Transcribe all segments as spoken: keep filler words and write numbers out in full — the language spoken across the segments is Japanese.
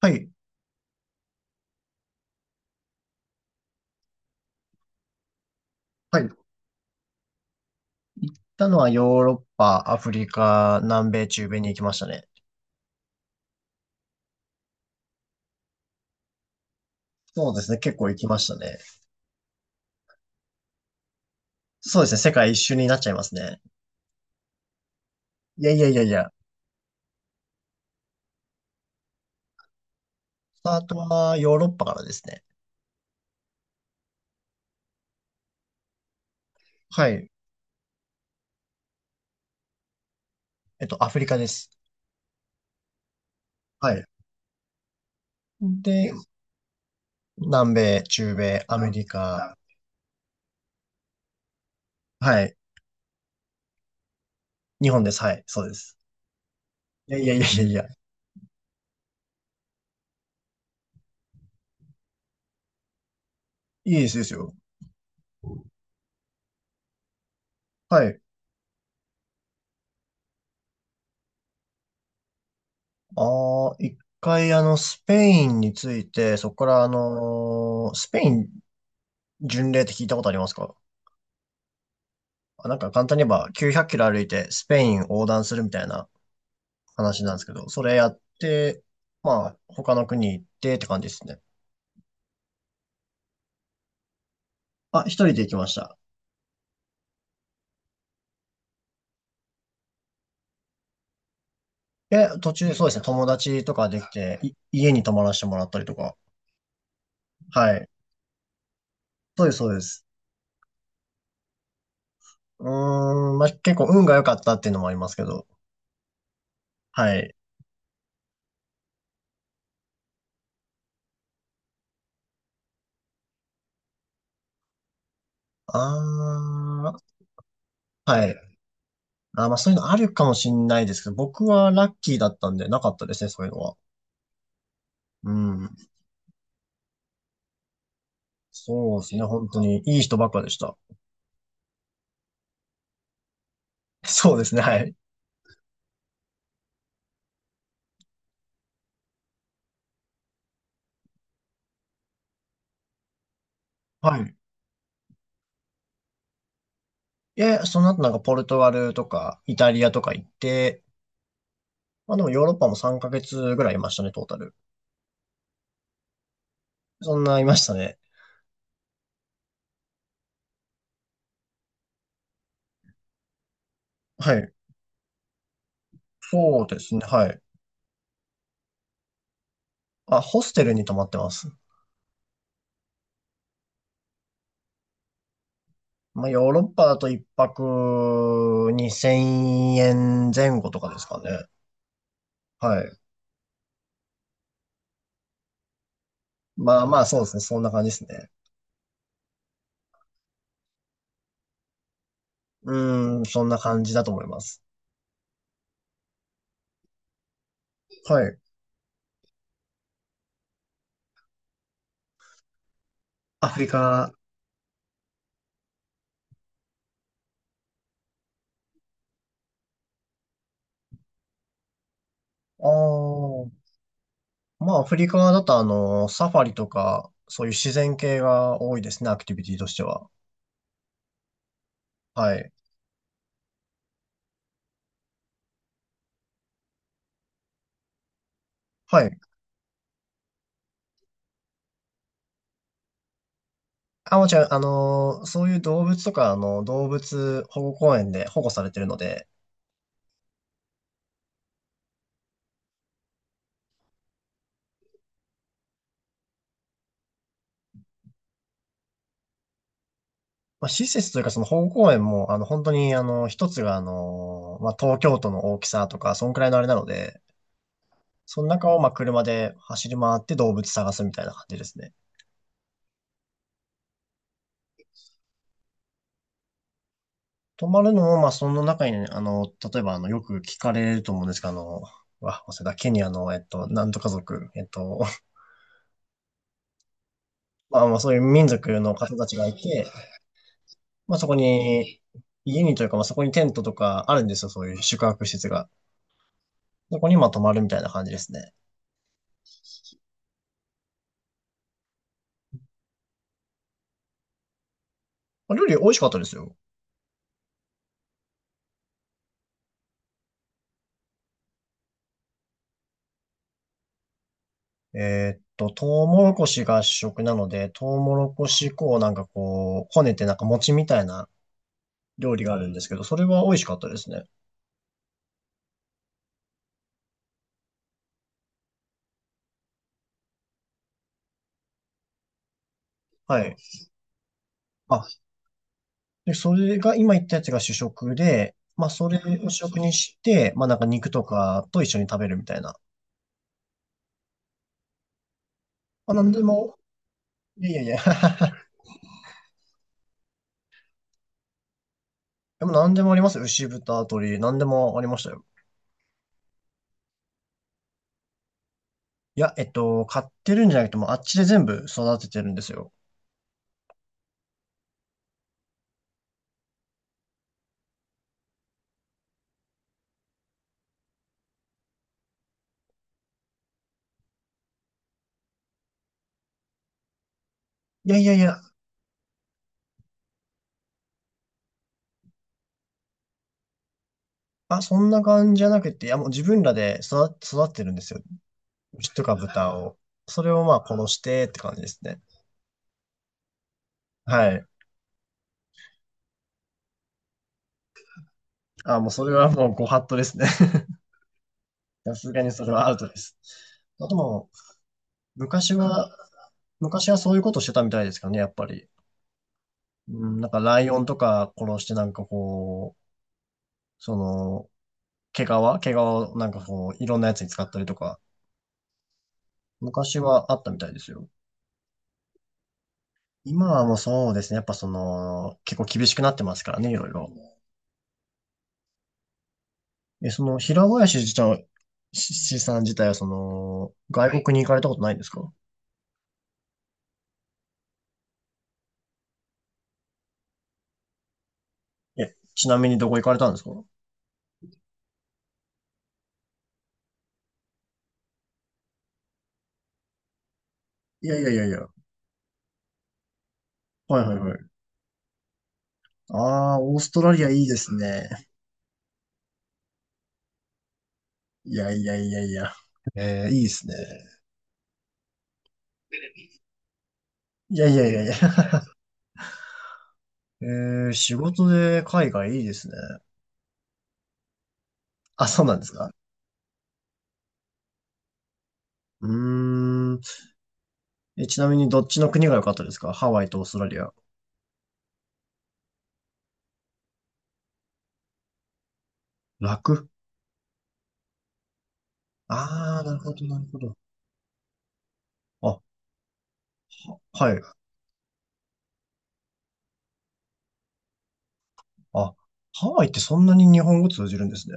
はい。はい。行ったのはヨーロッパ、アフリカ、南米、中米に行きましたね。そうですね。結構行きましたね。そうですね。世界一周になっちゃいますね。いやいやいやいや。スタートはヨーロッパからですね。はい。えっと、アフリカです。はい。で、南米、中米、アメリカ。はい。日本です。はい。そうです。いやいやいやいやいや。いいですですよ。はい。ああ、一回あの、スペインについて、そこからあのースペイン巡礼って聞いたことありますか？あ、なんか簡単に言えばきゅうひゃくキロ歩いてスペイン横断するみたいな話なんですけど、それやって、まあ他の国行ってって感じですね。あ、一人で行きました。え、途中そうですね、友達とかできて、い家に泊まらせてもらったりとか。はい。そうです、そうです。うーん、まあ結構運が良かったっていうのもありますけど。はい。あー、はい。あー、まあそういうのあるかもしんないですけど、僕はラッキーだったんでなかったですね、そういうのは。うん。そうですね、本当にいい人ばっかでした。そうですね、はい。はい。で、その後なんかポルトガルとかイタリアとか行って、まあでもヨーロッパもさんかげつぐらいいましたね、トータル。そんないましたね。はい。そうですね、はい。あ、ホステルに泊まってます。まあヨーロッパだといっぱくにせんえんまえ後とかですかね。はい。まあまあそうですね、そんな感じですね。うーん、そんな感じだと思います。はい。アフリカ、ああ、まあ、アフリカだとあの、サファリとか、そういう自然系が多いですね、アクティビティとしては。はい。はい。あ、もちろん、あの、そういう動物とか、あの、動物保護公園で保護されてるので、まあ、施設というか、その保護公園も、あの、本当に、あの、一つが、あの、まあ、東京都の大きさとか、そんくらいのあれなので、その中を、まあ、車で走り回って動物探すみたいな感じですね。泊まるのも、まあ、その中にね、あの、例えば、あの、よく聞かれると思うんですけど、あの、うわ、忘れた、ケニアの、えっと、なんとか族、えっと、まあ、まあ、そういう民族の方たちがいて、まあ、そこに、家にというか、まあ、そこにテントとかあるんですよ、そういう宿泊施設が。そこに、まあ、泊まるみたいな感じですね。まあ料理美味しかったですよ。えーっと、トウモロコシが主食なので、トウモロコシ粉をなんかこう、こねてなんか餅みたいな料理があるんですけど、それは美味しかったですね。はい。あ、で、それが、今言ったやつが主食で、まあ、それを主食にして、まあ、なんか肉とかと一緒に食べるみたいな。まあ、なんでも、いやいやいや でもなんでもありますよ。牛豚、鶏、なんでもありましたよ。いや、えっと、買ってるんじゃなくても、あっちで全部育ててるんですよ。いやいやいや、あ、そんな感じじゃなくて、いや、もう自分らで育て、育ててるんですよ。牛とか豚を。それをまあ殺してって感じですね。はい。あ、もうそれはもうご法度ですね。さすがにそれはアウトです。あともう、昔は、昔はそういうことしてたみたいですかね、やっぱり。うん、なんかライオンとか殺してなんかこう、その、毛皮毛皮をなんかこう、いろんなやつに使ったりとか、昔はあったみたいですよ。今はもうそうですね、やっぱその、結構厳しくなってますからね、いろいろ。え、その、平林自体、ししさん自体はその、外国に行かれたことないんですか？え、ちなみにどこ行かれたんですか？いやいやいやいや。はいはいはい。ああ、オーストラリアいいですね。いやいやいやいや。えー、いいですね。いやいやいやいや。えー、仕事で海外いいですね。あ、そうなんですか？うーん。え、ちなみにどっちの国が良かったですか？ハワイとオーストラリア。楽。ああー、なるほど、なるほど。あ、はい。あ、ハワイってそんなに日本語通じるんですね。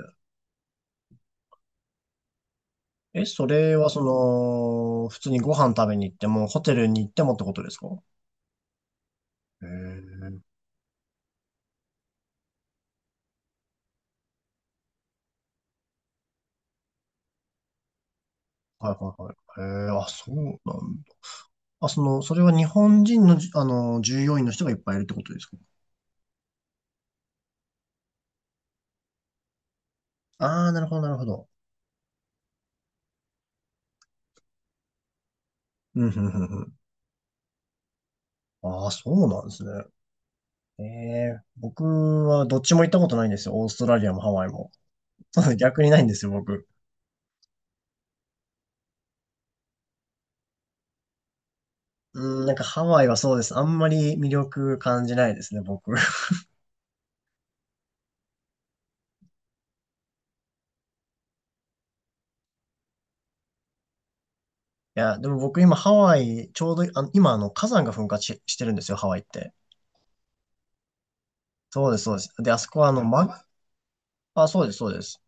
え、それはその、普通にご飯食べに行っても、ホテルに行ってもってことですか？へえ。はいはいはい。へえ。あ、そうなんだ。あ、その、それは日本人のじ、あの、従業員の人がいっぱいいるってことですか？ああー、なるほど、なるほど。うん、うん、うんうん。ああ、そうなんですね。ええ、僕はどっちも行ったことないんですよ。オーストラリアもハワイも。逆にないんですよ、僕。うん、なんかハワイはそうです。あんまり魅力感じないですね、僕。いや、でも僕今ハワイ、ちょうどあの、今あの火山が噴火し、してるんですよ、ハワイって。そうです、そうです。で、あそこはあの、ま、あ、そうです、そうです。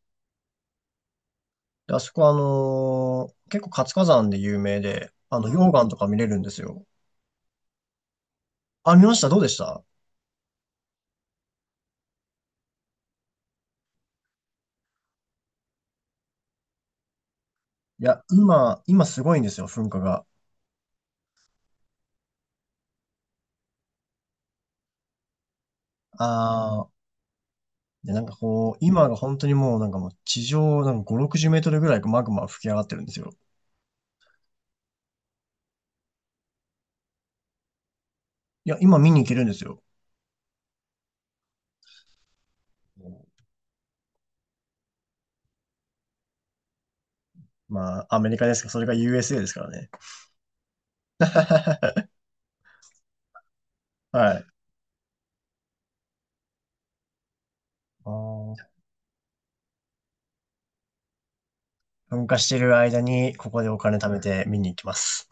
で、あそこはあのー結構活火山で有名で、あの、溶岩とか見れるんですよ。あ、見ました。どうでした？いや、今、今すごいんですよ、噴火が。あ、で、なんかこう、今が本当にもうなんかもう地上なんかご、ろくじゅうメートルぐらいマグマが吹き上がってるんですよ。いや、今見に行けるんですよ。まあ、アメリカですか、それが ユーエスエー ですからね。はい。あー噴火してる間にここでお金貯めて見に行きます。